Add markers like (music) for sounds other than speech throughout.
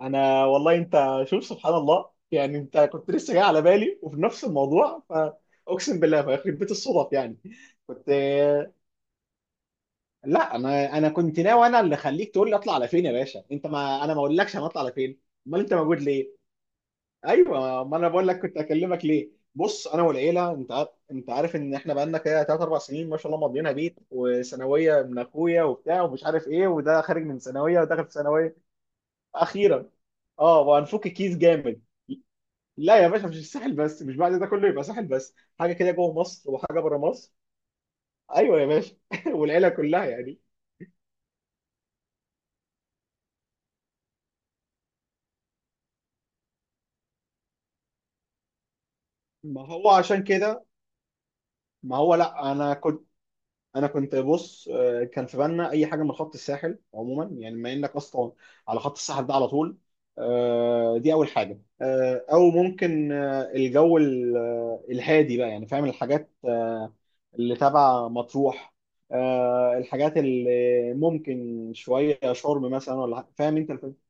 انا والله انت شوف، سبحان الله يعني، انت كنت لسه جاي على بالي وفي نفس الموضوع، فاقسم بالله فيخرب بيت الصدف يعني. كنت. لا، انا كنت ناوي، انا اللي خليك تقول لي اطلع على فين يا باشا، انت. ما انا ما اقولكش انا اطلع على فين. امال انت موجود ليه؟ ايوه، ما انا بقول لك كنت اكلمك ليه. بص، انا والعيله، انت عارف ان احنا بقالنا كده 3 4 سنين ما شاء الله، مضينا بيت وثانويه من اخويا وبتاع ومش عارف ايه، وده خارج من ثانويه وداخل في ثانويه. اخيرا. اه، وهنفك كيس جامد. لا يا باشا، مش الساحل بس، مش بعد ده كله يبقى ساحل بس، حاجه كده جوه مصر وحاجه بره مصر. ايوه يا باشا (laughs) والعيله كلها يعني. ما هو عشان كده. ما هو لا، انا كنت بص، كان في بالنا اي حاجه من خط الساحل عموما، يعني بما انك اصلا على خط الساحل ده على طول. دي اول حاجه، او ممكن الجو الهادي بقى، يعني فاهم، الحاجات اللي تبع مطروح، الحاجات اللي ممكن شويه شرم مثلا ولا حاجة. فاهم انت الفكره؟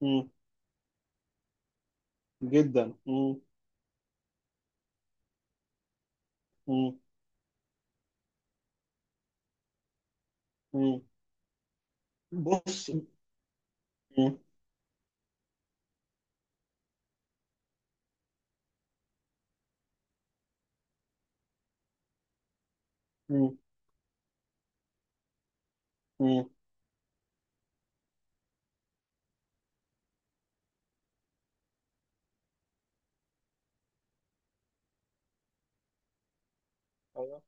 مم، جدا. مم، مم، مم. بص. مم، مم، مم. أيوة.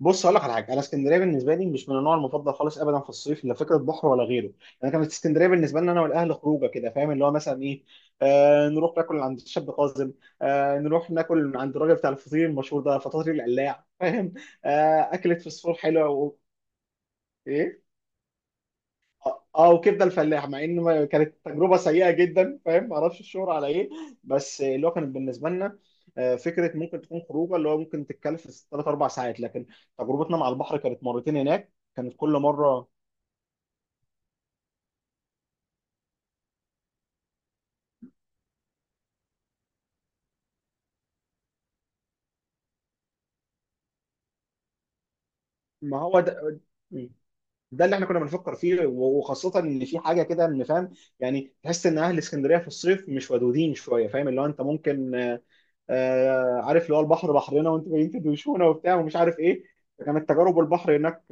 بص اقول لك على حاجه، انا اسكندريه بالنسبه لي مش من النوع المفضل خالص ابدا في الصيف، لا فكره بحر ولا غيره. انا كانت اسكندريه بالنسبه لنا انا والاهل خروجه كده، فاهم اللي هو مثلا ايه؟ آه، نروح ناكل عند الشاب قاسم، آه، نروح ناكل من عند الراجل بتاع الفطير المشهور ده، فطاطير القلاع، فاهم. آه، اكله فسفور حلوه و... ايه. اه آه، وكبده الفلاح، مع ان كانت تجربه سيئه جدا، فاهم، ما اعرفش الشهر على ايه. بس اللي هو كانت بالنسبه لنا آه، فكره ممكن تكون خروجه اللي هو ممكن تتكلف ثلاث اربع ساعات، لكن تجربتنا مع البحر كانت مرتين هناك، كانت كل مره. ما هو ده، ده اللي احنا كنا بنفكر فيه وخاصه ان في حاجه كده، ان فاهم، يعني تحس ان اهل اسكندريه في الصيف مش ودودين شويه، فاهم اللي هو، انت ممكن عارف اللي هو البحر بحرنا، وانتوا جايين تدوشونا وبتاع ومش عارف ايه. فكانت تجارب البحر هناك.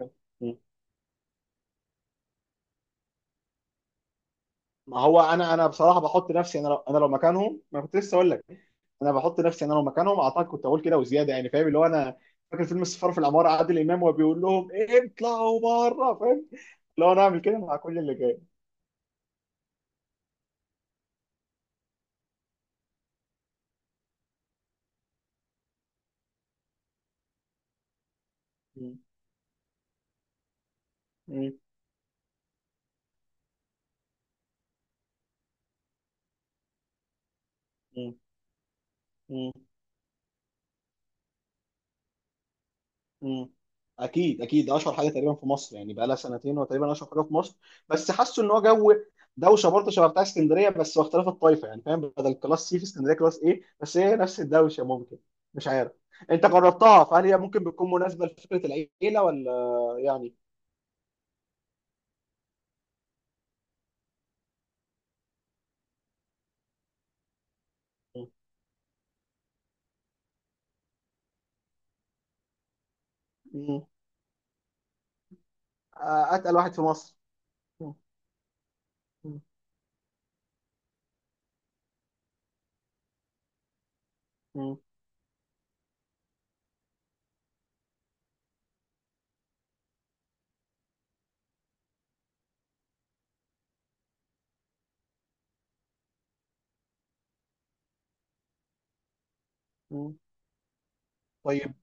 ما هو انا بصراحه بحط نفسي، انا لو، انا لو مكانهم، ما كنت لسه اقول لك. انا بحط نفسي انا لو مكانهم، اعتقد كنت اقول كده وزياده، يعني فاهم اللي هو انا فاكر فيلم السفاره في العماره، عادل امام، وبيقول لهم إيه؟ اطلعوا بره، فاهم، لو انا اعمل كده مع كل اللي جاي. م- م- م- م. مم. اكيد اكيد، اشهر حاجه تقريبا في مصر، يعني بقى لها سنتين هو تقريبا اشهر حاجه في مصر، بس حاسه ان هو جو دوشه برضه شبه بتاع اسكندريه بس، واختلاف الطائفه يعني، فاهم، بدل كلاس سي في اسكندريه كلاس ايه، بس هي نفس الدوشه ممكن. مش عارف. انت جربتها، فهل هي ممكن بتكون مناسبه لفكره العيله ولا يعني؟ مم. مم. اتقل واحد في مصر. مم. مم. مم. مم. طيب.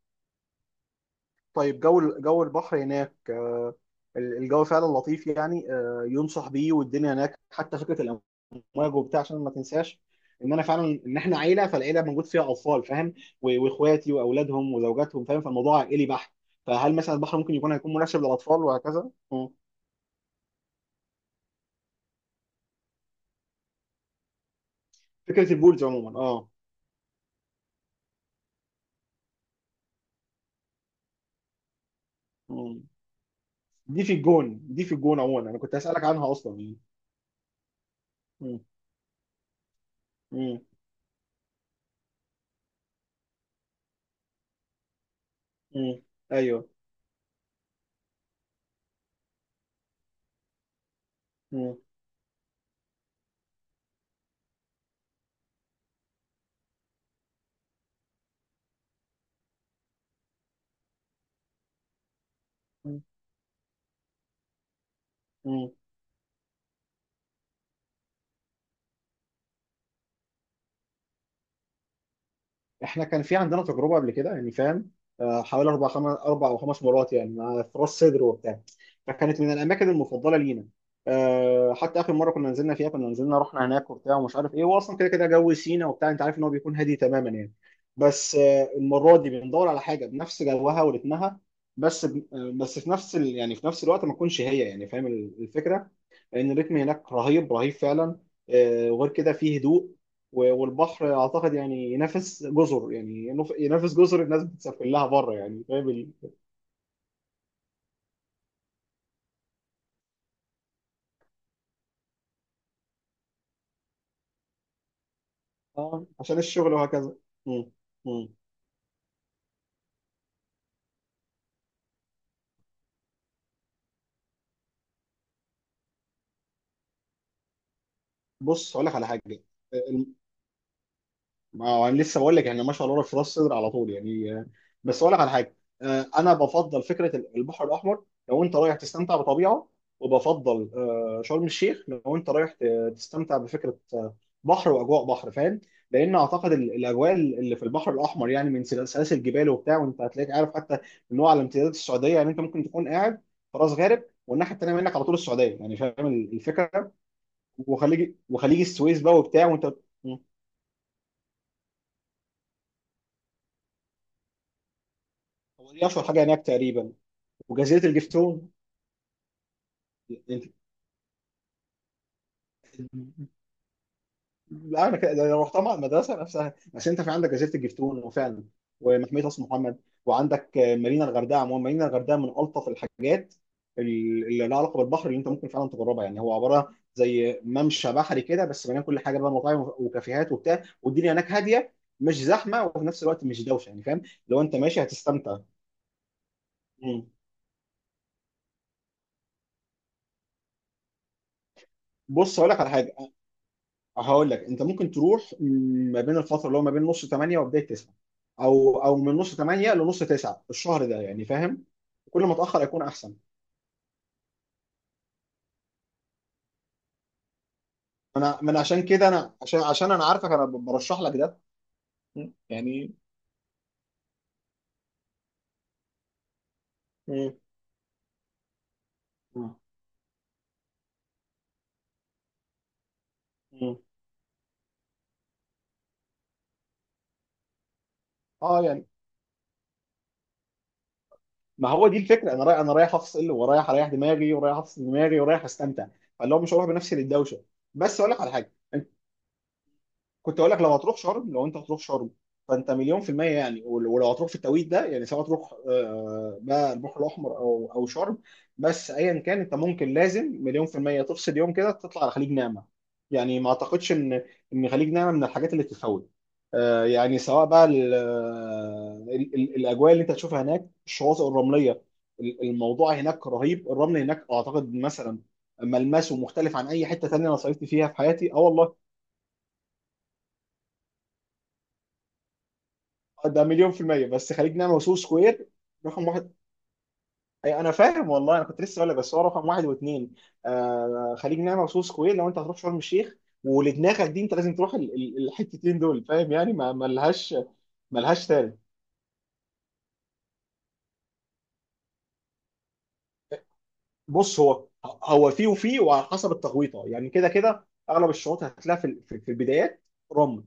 طيب، جو جو البحر هناك، الجو فعلا لطيف يعني، آه، ينصح بيه، والدنيا هناك حتى فكره واجب وبتاع، عشان ما تنساش ان انا فعلا، ان احنا عيله، فالعيله موجود فيها اطفال، فاهم، واخواتي واولادهم وزوجاتهم، فاهم، فالموضوع عائلي بحت. فهل مثلا البحر ممكن يكون، هيكون مناسب للاطفال وهكذا؟ مم. فكره البولز عموما، اه. مم. دي في الجون، دي في الجون عموما انا كنت هسالك عنها اصلا يعني. مم. مم. مم. ايوه. مم. مم. احنا كان في عندنا تجربه قبل كده يعني، فاهم، آه، حوالي اربع خمس، اربع او خمس مرات يعني، مع في راس صدر وبتاع، فكانت من الاماكن المفضله لينا. آه، حتى اخر مره كنا نزلنا فيها، كنا نزلنا رحنا هناك وبتاع ومش عارف ايه، واصلا كده كده جو سينا وبتاع، انت عارف ان هو بيكون هادي تماما يعني. بس آه، المره دي بندور على حاجه بنفس جوها ورتمها، بس بس في نفس ال... يعني في نفس الوقت ما تكونش هي يعني، فاهم الفكره، لان الريتم هناك رهيب، رهيب فعلا. آه، وغير كده فيه هدوء، والبحر اعتقد يعني ينافس جزر، يعني ينافس جزر الناس بتسافر لها بره، يعني فاهم ال... آه، عشان الشغل وهكذا. مم. مم. بص هقول لك على حاجه، آه، ما هو انا لسه بقول لك يعني، ما شاء الله في راس صدر على طول يعني، آه، بس اقول لك على حاجه، آه، انا بفضل فكره البحر الاحمر لو انت رايح تستمتع بطبيعه، وبفضل آه، شرم الشيخ لو انت رايح تستمتع بفكره بحر واجواء بحر، فاهم، لان اعتقد الاجواء اللي في البحر الاحمر يعني، من سلاسل جبال وبتاع، وانت هتلاقيك عارف حتى ان هو على امتداد السعوديه يعني، انت ممكن تكون قاعد في راس غارب والناحيه التانيه منك على طول السعوديه، يعني فاهم الفكره، وخليج، وخليج السويس بقى وبتاع، وانت. هو دي اشهر حاجه هناك تقريبا. وجاذريه الجفتون. لا انا كده لو رحتها مع المدرسه نفسها، بس انت في عندك جزيره الجفتون، وفعلا ومحميه راس محمد، وعندك آه، مارينا الغردقه، عموما مارينا الغردقه من الطف الحاجات اللي لها علاقه بالبحر، اللي انت ممكن فعلا تجربها يعني، هو عباره زي ممشى بحري كده بس مليان كل حاجه بقى، مطاعم وكافيهات وبتاع، والدنيا هناك هاديه، مش زحمه وفي نفس الوقت مش دوشه، يعني فاهم. لو انت ماشي هتستمتع. مم. بص هقول لك على حاجه. هقول لك انت ممكن تروح ما بين الفتره اللي هو ما بين نص 8 وبدايه 9، او او من نص 8 لنص 9 الشهر ده، يعني فاهم، كل ما اتاخر يكون احسن. انا من عشان كده، انا عشان، عشان انا عارفك انا برشح لك ده. مم. يعني مم. مم. مم. اه يعني، ما هو دي الفكره، انا رايح، انا رايح افصل، ورايح اريح دماغي، ورايح افصل دماغي، ورايح استمتع، فاللي هو مش هروح بنفسي للدوشه. بس اقول لك على حاجه. كنت اقول لك لو هتروح شرم، لو انت هتروح شرم فانت مليون في المية يعني، ولو هتروح في التوقيت ده يعني، سواء تروح بقى البحر الاحمر او او شرم، بس ايا كان انت ممكن، لازم مليون في المية تفصل يوم كده تطلع على خليج نعمة، يعني ما اعتقدش ان، ان خليج نعمة من الحاجات اللي تتفوت. آه، يعني سواء بقى الاجواء اللي انت هتشوفها هناك، الشواطئ الرملية، الموضوع هناك رهيب، الرمل هناك اعتقد مثلا ملمسه مختلف عن اي حتة تانية انا صيفت فيها في حياتي، اه والله. آه، ده مليون في المية، بس خليج نعمة وسوق سكوير، رقم واحد. أي أنا فاهم والله، أنا كنت لسه أقول لك، بس هو رقم واحد واثنين، آه خليج نعمة وسوق سكوير لو أنت هتروح شرم الشيخ، ولدماغك دي أنت لازم تروح الحتتين دول، فاهم يعني، ما ملهاش، ملهاش تاني. بص هو، هو فيه وفيه، وعلى حسب التغويطة، يعني كده كده أغلب الشروط هتلاقيها في في البدايات رمل،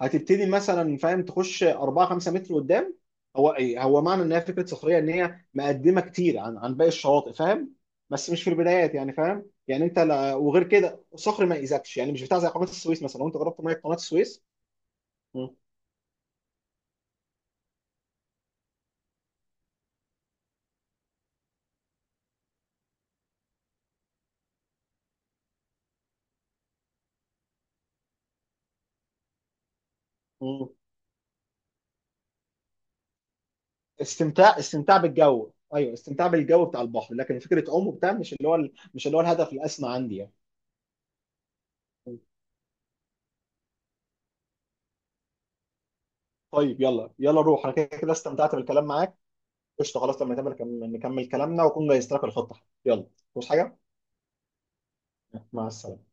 هتبتدي مثلا فاهم تخش 4 5 متر قدام، هو ايه هو معنى ان هي فكره صخريه، ان هي مقدمه كتير عن عن باقي الشواطئ، فاهم، بس مش في البدايات يعني فاهم، يعني انت لا، وغير كده صخر ما يأذكش يعني، مش بتاع زي قناه السويس مثلا لو انت جربت ميه قناه السويس. م- م- استمتاع، استمتاع بالجو، ايوه استمتاع بالجو بتاع البحر، لكن فكره عوم وبتاع مش اللي هو مش اللي هو الهدف الاسمى عندي يعني. مم. طيب يلا، يلا نروح، انا كده كده استمتعت بالكلام معاك. قشطه خلاص، لما نكمل، نكمل كلامنا واكون جهزت لك الخطه. يلا. بص حاجه. مع السلامة.